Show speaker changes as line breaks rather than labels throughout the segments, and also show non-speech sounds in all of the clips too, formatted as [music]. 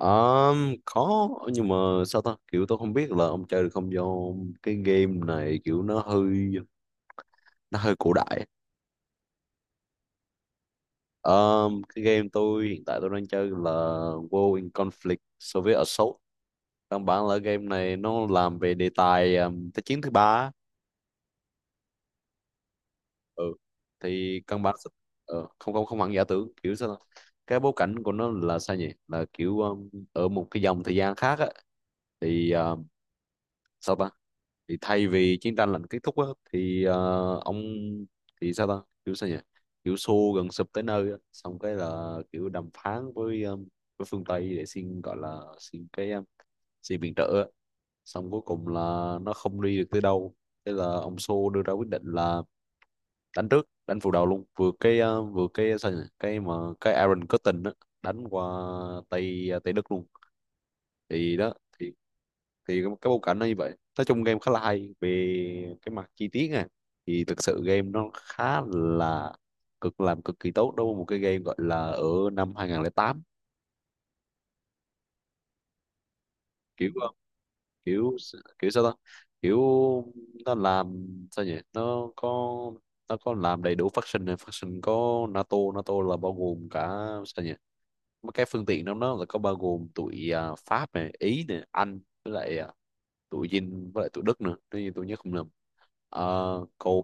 Có nhưng mà sao ta, kiểu tôi không biết là ông chơi được không, do cái game này kiểu nó hơi cổ đại. Cái game tôi hiện tại đang chơi là World in Conflict Soviet Assault. Căn bản là game này nó làm về đề tài, Thế chiến thứ ba á. Ừ. Thì căn bản không không không hẳn giả tưởng, kiểu sao ta? Cái bối cảnh của nó là sao nhỉ, là kiểu, ở một cái dòng thời gian khác á. Thì sao ta, thì thay vì chiến tranh lạnh kết thúc á, thì ông, thì sao ta, kiểu sao nhỉ, kiểu xô gần sụp tới nơi á, xong cái là kiểu đàm phán với với phương Tây để xin, gọi là xin cái xin viện trợ á. Xong cuối cùng là nó không đi được tới đâu, thế là ông Xô đưa ra quyết định là đánh trước, đánh phủ đầu luôn, vừa cái vừa cái sao nhỉ, cái mà cái Aaron Curtin á, đánh qua Tây Đức luôn. Thì đó, thì cái bối cảnh nó như vậy. Nói chung game khá là hay về cái mặt chi tiết này. Thì thực sự game nó khá là, làm cực kỳ tốt đối với một cái game gọi là ở năm 2008. Kiểu kiểu, kiểu sao ta, kiểu nó làm sao nhỉ, nó có làm đầy đủ faction này, faction có NATO. NATO là bao gồm cả, sao nhỉ, mấy cái phương tiện trong đó là có bao gồm tụi Pháp này, Ý này, Anh, với lại tụi Dinh, với lại tụi Đức nữa, nếu như tôi nhớ không lầm. Ờ, còn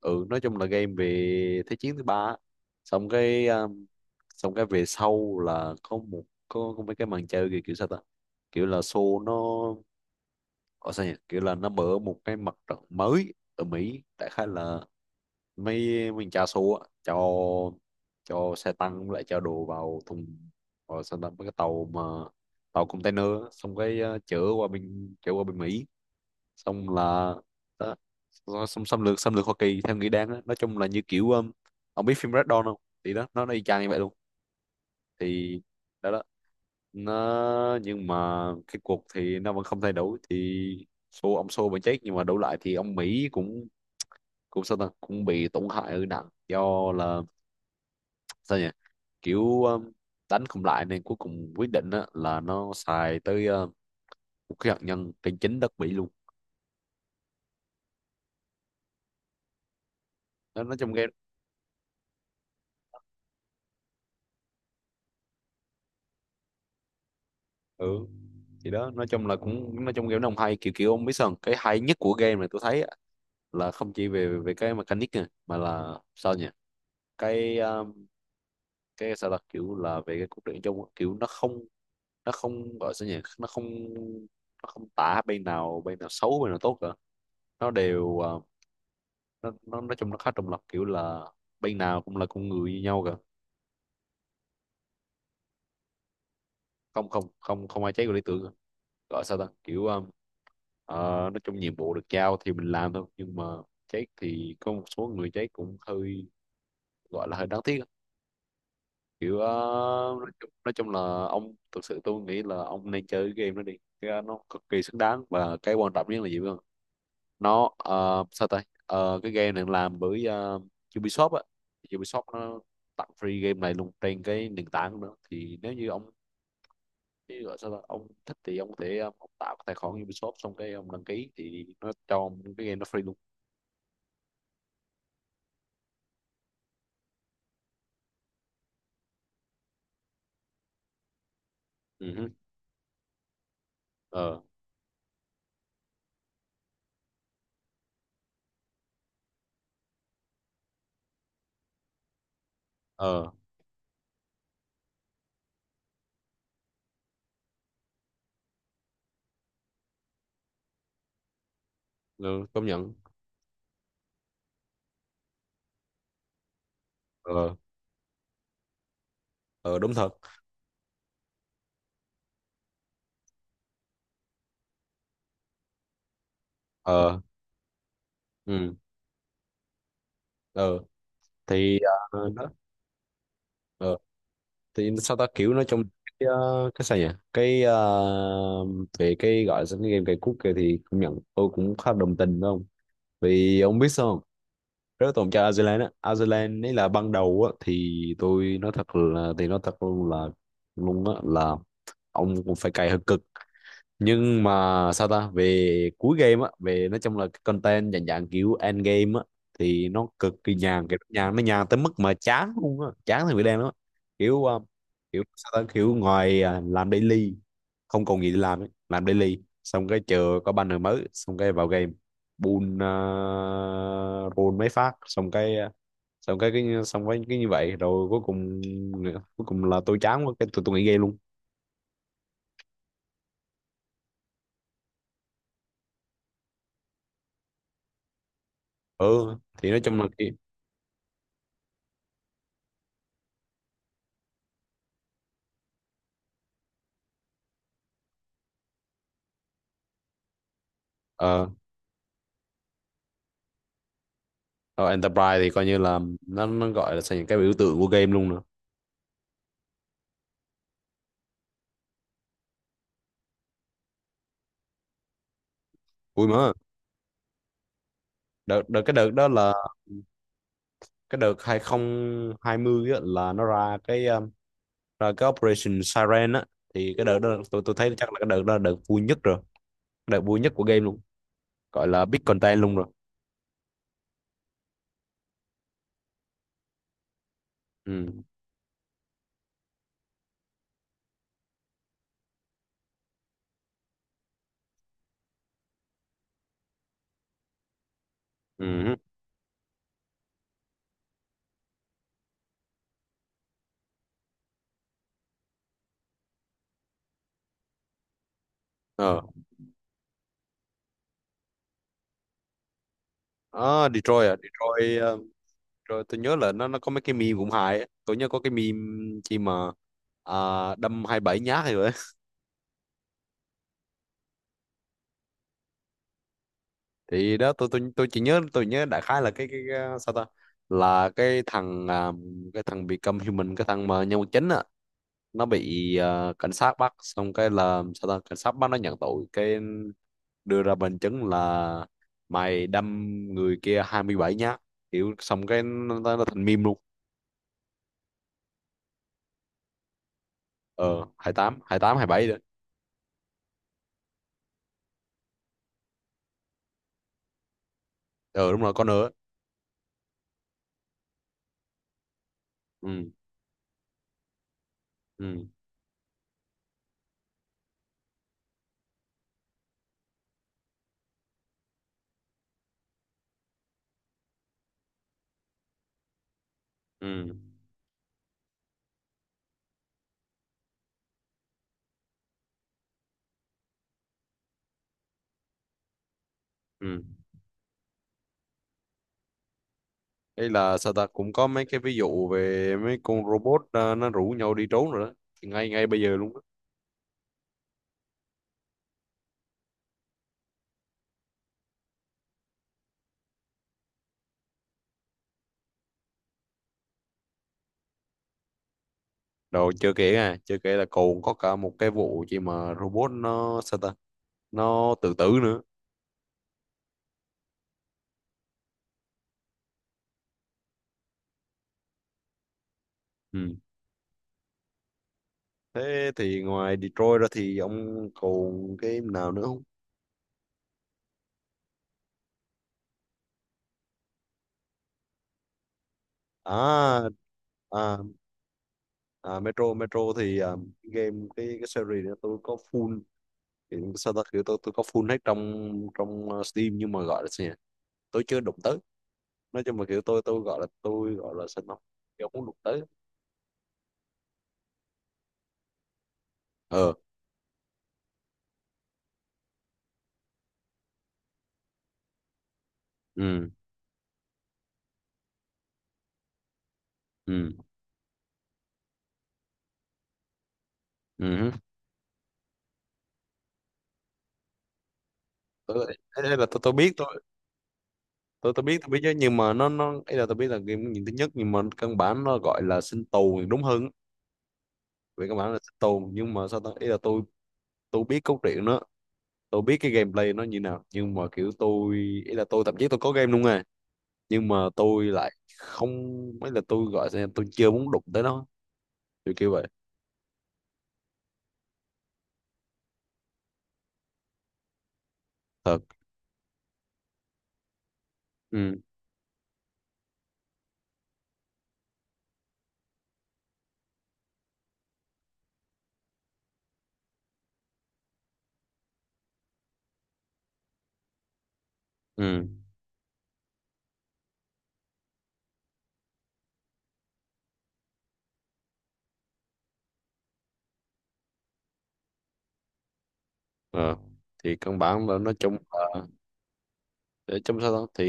ừ, nói chung là game về thế chiến thứ ba á. Xong cái, xong cái về sau là có có mấy cái màn chơi kiểu sao ta, kiểu là show nó ở, sao nhỉ, kiểu là nó mở một cái mặt trận mới ở Mỹ, đại khái là mấy mình cha show á, cho xe tăng với lại cho đồ vào thùng, vào sao ta, mấy cái tàu mà tàu container á. Xong cái chở qua bên Mỹ, xong là đó. Xong xâm lược, xâm lược Hoa Kỳ theo nghĩa đáng đó. Nói chung là như kiểu, ông biết phim Red Dawn không? Thì đó, nó y chang như vậy luôn. Thì đó đó, nó, nhưng mà cái cuộc thì nó vẫn không thay đổi, thì ông Xô vẫn chết, nhưng mà đổi lại thì ông Mỹ cũng cũng sao ta, cũng bị tổn hại ở nặng, do là sao nhỉ, kiểu, đánh không lại nên cuối cùng quyết định á, là nó xài tới vũ khí hạt nhân trên chính đất Mỹ luôn. Đó, nói chung game. Ừ, thì đó, nói chung là cũng, nói chung game nó không hay, kiểu kiểu, ông biết sao không? Cái hay nhất của game này tôi thấy á, là không chỉ về về cái mechanic nè, mà là sao nhỉ, cái um, cái sao, là kiểu là về cái cốt truyện chung á, kiểu nó không gọi sao nhỉ, nó không tả bên nào, bên nào xấu bên nào tốt cả. Nó đều nó, nói chung nó khá trung lập, kiểu là bên nào cũng là con người như nhau cả. Không không không, không ai trái của lý tưởng cả. Gọi sao ta, kiểu, ờ, nói chung nhiệm vụ được giao thì mình làm thôi, nhưng mà chết thì có một số người chết cũng hơi, gọi là hơi đáng tiếc á. Kiểu nói chung, là ông, thực sự tôi nghĩ là ông nên chơi cái game đó đi, cái nó cực kỳ xứng đáng, và cái quan trọng nhất là gì biết không? Nó sao ta, ờ, cái game này làm bởi Ubisoft á. Ubisoft nó tặng free game này luôn trên cái nền tảng nữa. Thì nếu như ông, chứ gọi sao ta, ông thích thì ông có thể, ông tạo cái tài khoản Ubisoft, xong cái ông đăng ký thì nó cho ông cái game nó free luôn. Ừ hứ. Ờ. Ờ. Ừ, công nhận. Ờ. Ờ. Đúng thật. Ờ. Ừ. Ờ. Thì. Ờ. Đó. Ờ, thì sao ta, kiểu nói trong cái cái sao nhỉ, cái về cái gọi là sao, cái game cây cút kia thì công nhận tôi cũng khá đồng tình, đúng không? Vì ông biết sao không? Rất tôn trọng Iceland á. Iceland ấy là, ban đầu á, thì tôi nói thật là, thì nói thật luôn là, luôn á, là ông cũng phải cày hơi cực. Nhưng mà sao ta, về cuối game á, về nói chung là cái content dạng dạng kiểu end game á, thì nó cực kỳ nhàn, kiểu nhàn, nó nhàn tới mức mà chán luôn á, chán thì bị đen lắm á. Kiểu kiểu sao ta, kiểu ngoài làm daily không còn gì để làm ấy. Làm daily xong cái chờ có banner mới, xong cái vào game bùn, roll mấy phát, xong cái xong cái xong với cái như vậy, rồi cuối cùng là tôi chán quá, cái tôi nghỉ game luôn. Ừ, thì nói chung là cái. Ờ. Rồi Enterprise thì coi như là, nó gọi là sao, những cái biểu tượng của game luôn nữa. Vui mà. Đợt cái đợt đó là cái đợt 2020 á, là nó ra cái, ra cái Operation Siren á. Thì cái đợt đó tôi thấy chắc là cái đợt đó là đợt vui nhất rồi, đợt vui nhất của game luôn, gọi là big content luôn rồi. Ừ. Ừ. Ờ. À Detroit, Detroit, Detroit tôi nhớ là nó có mấy cái meme cũng hài á. Tôi nhớ có cái meme chi mà, à, đâm 27 nhát rồi. Thì đó, tôi chỉ nhớ, tôi nhớ đại khái là cái cái sao ta, là cái thằng cái thằng Become Human, cái thằng mà nhân vật chính á, nó bị cảnh sát bắt, xong cái là sao ta, cảnh sát bắt nó nhận tội, cái đưa ra bằng chứng là mày đâm người kia 27 nhát, kiểu xong cái nó, thành meme luôn. Ờ, 28, 28, 27 đấy. Ờ đúng rồi, con nữa. Ừ. Ừ. Ừ. Ừ. Đây là sao ta, cũng có mấy cái ví dụ về mấy con robot, ờ, nó rủ nhau đi trốn rồi đó. Thì ngay ngay bây giờ luôn á. Rồi chưa kể, chưa kể là còn có cả một cái vụ gì mà robot nó sao ta, nó tự tử nữa. Ừ. Thế thì ngoài Detroit ra thì ông còn cái nào nữa không? À, à, Metro. Thì game cái series đó tôi có full. Thì sao ta kiểu tôi có full hết trong trong Steam, nhưng mà gọi là gì nhỉ? Tôi chưa đụng tới. Nói chung là kiểu tôi gọi là, sao học, kiểu muốn đụng tới. Ờ. Ừ. Ừ. Ừ. Tôi, thế nên là tôi biết, tôi biết chứ, nhưng mà nó ấy, là tôi biết là game nhìn thứ nhất, nhưng mà căn bản nó gọi là sinh tồn thì đúng hơn. Về căn bản là sinh tồn, nhưng mà sao ta, ấy là tôi biết cốt truyện nó, tôi biết cái gameplay nó như nào, nhưng mà kiểu tôi, ấy là tôi thậm chí tôi có game luôn à, nhưng mà tôi lại không, ấy là tôi gọi là tôi chưa muốn đụng tới nó, kiểu kiểu vậy. Thật. Ừ. Ừ. Ờ. Thì căn bản là nói chung là, để trong sao đó thì,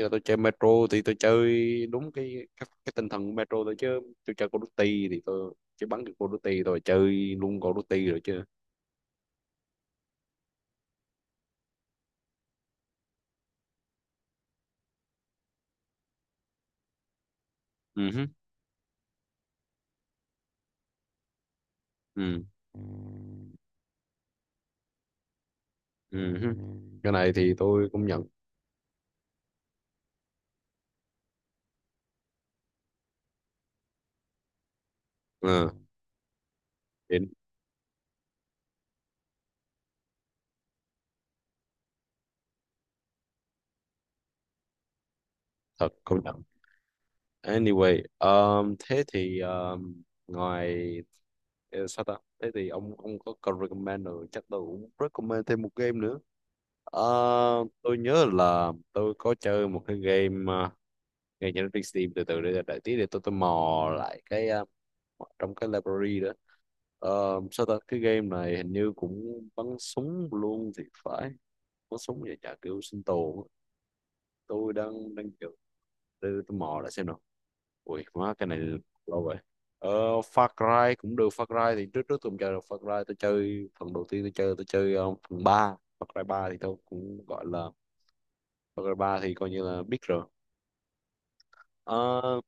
là tôi chơi Metro thì tôi chơi đúng cái cái tinh thần của Metro thôi, chứ tôi chơi Call of Duty thì tôi chỉ bắn cái Call of Duty rồi chơi luôn Call of Duty rồi chứ. Ừ hứ. Ừ. Ừ hứ. Cái này thì tôi cũng nhận. Ừ. Thì thật, công nhận. Anyway, thế thì ngoài sao ta, thế thì ông có recommend rồi chắc tôi cũng recommend thêm một game nữa. Ờ, tôi nhớ là tôi có chơi một cái game, ngay trên Netflix Steam. Từ từ để đợi tí để tôi mò lại cái, trong cái library đó. Ờ, sao ta, cái game này hình như cũng bắn súng luôn thì phải, bắn súng vậy chả, kiểu sinh tồn á. Tôi đang đang chờ để tôi mò lại xem nào. Ui má, cái này lâu vậy. ờ, Far Cry cũng được. Far Cry thì trước trước tôi không chơi được Far Cry, tôi chơi phần đầu tiên, tôi chơi phần ba, Far Cry 3, thì tôi cũng gọi là G3 thì coi như là biết rồi. Ờ,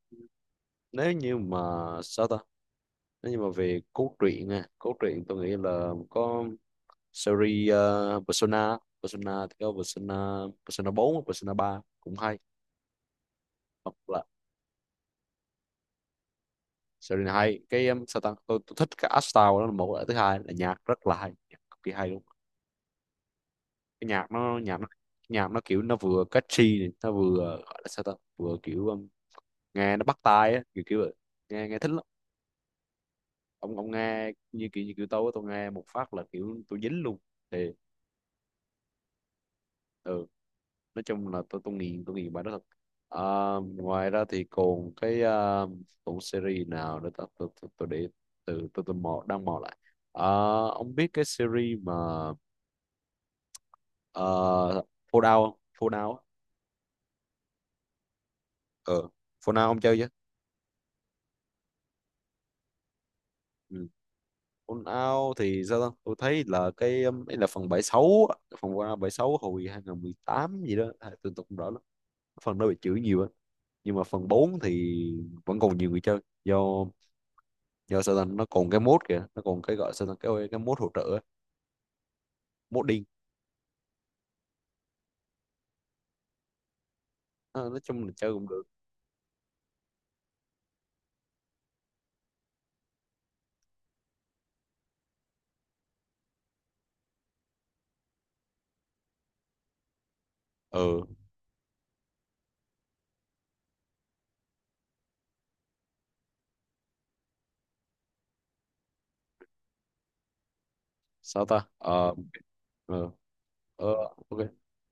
nếu như mà sao ta, nếu như mà về cốt truyện nè, cốt truyện tôi nghĩ là có series, Persona. Persona thì có Persona, Persona 4, Persona 3 cũng hay. Hoặc là series này hay cái, sao ta, tôi thích cái art style đó là một cái, thứ hai là nhạc rất là hay, nhạc cực kỳ hay luôn. Cái nhạc nó kiểu nó vừa catchy này, nó vừa gọi là sao ta, vừa kiểu, nghe nó bắt tai á, kiểu kiểu vậy. Nghe nghe thích lắm. Ông nghe như kiểu tôi á, tôi nghe một phát là kiểu tôi dính luôn thì ừ, nói chung là tôi nghiền bài đó thật. À, ngoài ra thì còn cái, à, tủ series nào để tôi để từ, tôi mò, đang mò lại. À, ông biết cái series mà, uh, Fallout không? Fallout á. Ờ, Fallout ông chơi chưa? Ừ. Fallout thì sao ta? Tôi thấy là cái, ấy là phần 76 á, phần Fallout bảy mươi sáu hồi 2018 gì đó, à, tôi không rõ lắm. Phần đó bị chửi nhiều á. Nhưng mà phần 4 thì vẫn còn nhiều người chơi, do do Satan nó còn cái mode kìa, nó còn cái gọi Satan, cái mode hỗ trợ á, modding. Nói chung là chơi cũng được. Ừ, sao ta, ờ ờ, ờ, ok.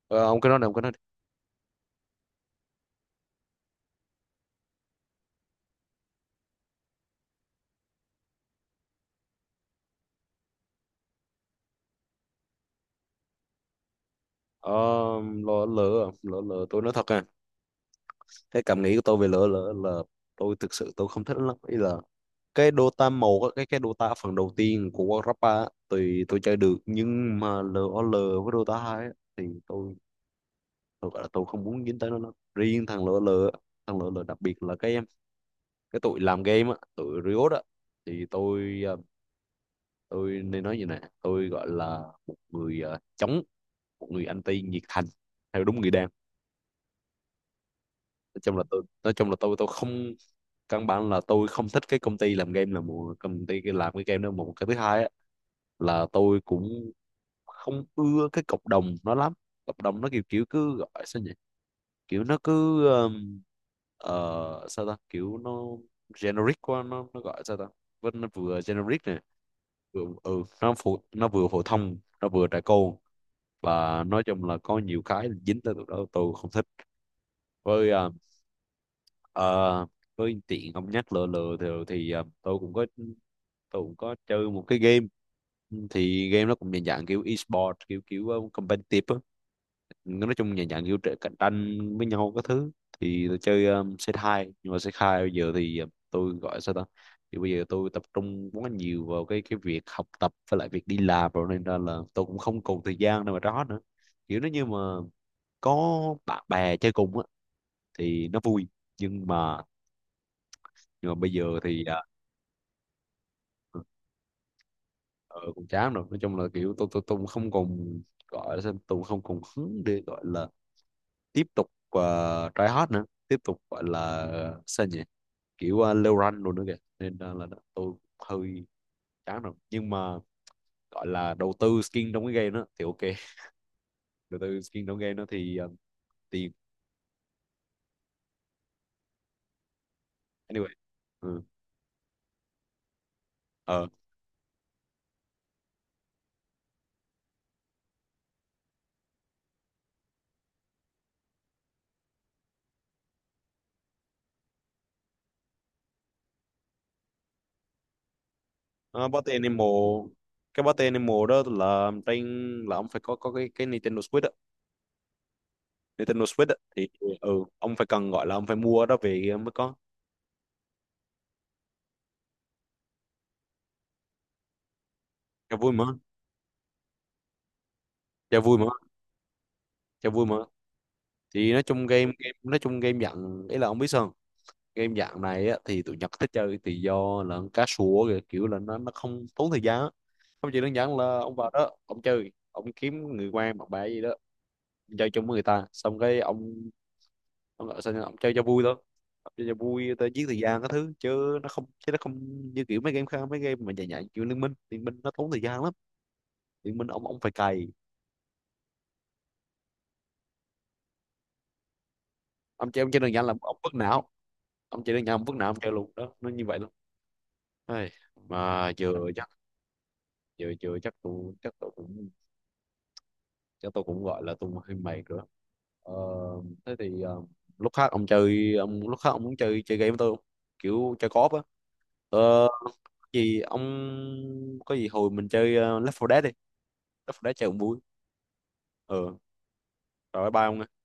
Ờ, ông cứ nói đi. Ờ, lỡ lỡ lỡ lỡ tôi nói thật, à, cái cảm nghĩ của tôi về lỡ lỡ là tôi thực sự, tôi không thích lắm, ý là cái Dota màu á, cái Dota phần đầu tiên của Warcraft 3 á, thì tôi chơi được, nhưng mà LOL với Dota hai á, thì tôi gọi là tôi không muốn dính tới nó riêng thằng lỡ lỡ, thằng lỡ lỡ đặc biệt là cái tụi làm game á, tụi Riot á, thì tôi, tôi nên nói như này, tôi gọi là một người, chống, một người anti nhiệt thành theo đúng nghĩa đen. Nói chung là tôi không, căn bản là tôi không thích cái công ty làm game, là một công ty cái làm cái game đó một cái, thứ hai á, là tôi cũng không ưa cái cộng đồng nó lắm. Cộng đồng nó kiểu kiểu cứ gọi sao nhỉ, kiểu nó cứ, ờ, sao ta, kiểu nó generic quá, nó gọi sao ta, vẫn nó vừa generic này, vừa ừ, nó vừa phổ thông, nó vừa trẻ con. Và nói chung là có nhiều cái dính tới tụi đó tôi không thích. Với ờ, với tiện ông nhắc lừa lừa thì ờ, tôi cũng có chơi một cái game. Thì game nó cũng dạng dạng kiểu e-sport, kiểu kiểu ờ, competitive á, nói chung nhà dạng kiểu cạnh tranh với nhau các thứ. Thì tôi chơi, C2, nhưng mà c hai bây giờ thì, tôi gọi sao ta, thì bây giờ tôi tập trung quá nhiều vào cái việc học tập với lại việc đi làm rồi, nên ra là tôi cũng không còn thời gian đâu mà đó nữa. Kiểu nó như mà có bạn bè chơi cùng á thì nó vui, nhưng mà, bây giờ thì à, ờ, cũng chán rồi. Nói chung là kiểu tôi cũng không còn gọi là sao, tôi cũng không còn hứng để gọi là tiếp tục try hard nữa, tiếp tục gọi là sao nhỉ, kiểu leo rank luôn nữa kìa, nên tôi hơi chán rồi. Nhưng mà gọi là đầu tư skin trong cái game đó thì ok [laughs] đầu tư skin trong game đó thì tiền. Anyway. Ừ. Ờ. Ờ, Party Animal. Cái Party Animal đó là trên, là ông phải có cái Nintendo Switch á, Nintendo Switch á thì ừ, ông phải cần gọi là ông phải mua đó về mới có. Cho vui mà cho vui mà cho vui mà. Thì nói chung game game nói chung game dặn ấy là ông biết sao, game dạng này á, thì tụi Nhật thích chơi thì do là cá sủa kìa, kiểu là nó không tốn thời gian á. Không, chỉ đơn giản là ông vào đó ông chơi, ông kiếm người quen bạn bè gì đó, chơi chung với người ta, xong cái ông chơi cho vui thôi. Ông chơi cho vui tới giết thời gian các thứ, chứ nó không như kiểu mấy game khác, mấy game mà dài dài kiểu liên minh nó tốn thời gian lắm. Liên minh ông phải cày. Ông chơi, đơn giản là ông vứt não, ông chơi đơn giản ông vứt não ông chơi luôn đó, nó như vậy luôn. Ai, mà vừa chắc, vừa vừa chắc tụi cũng, chắc tôi cũng gọi là tung hơi mày rồi. Đó. Ờ, thế thì ờ, lúc khác ông muốn chơi chơi game với tôi không? Kiểu chơi co-op á. Ờ, gì ông, có gì hồi mình chơi, Left 4 Dead đi. Left 4 Dead chơi cũng vui. Ờ, rồi bye bye ông. Nha.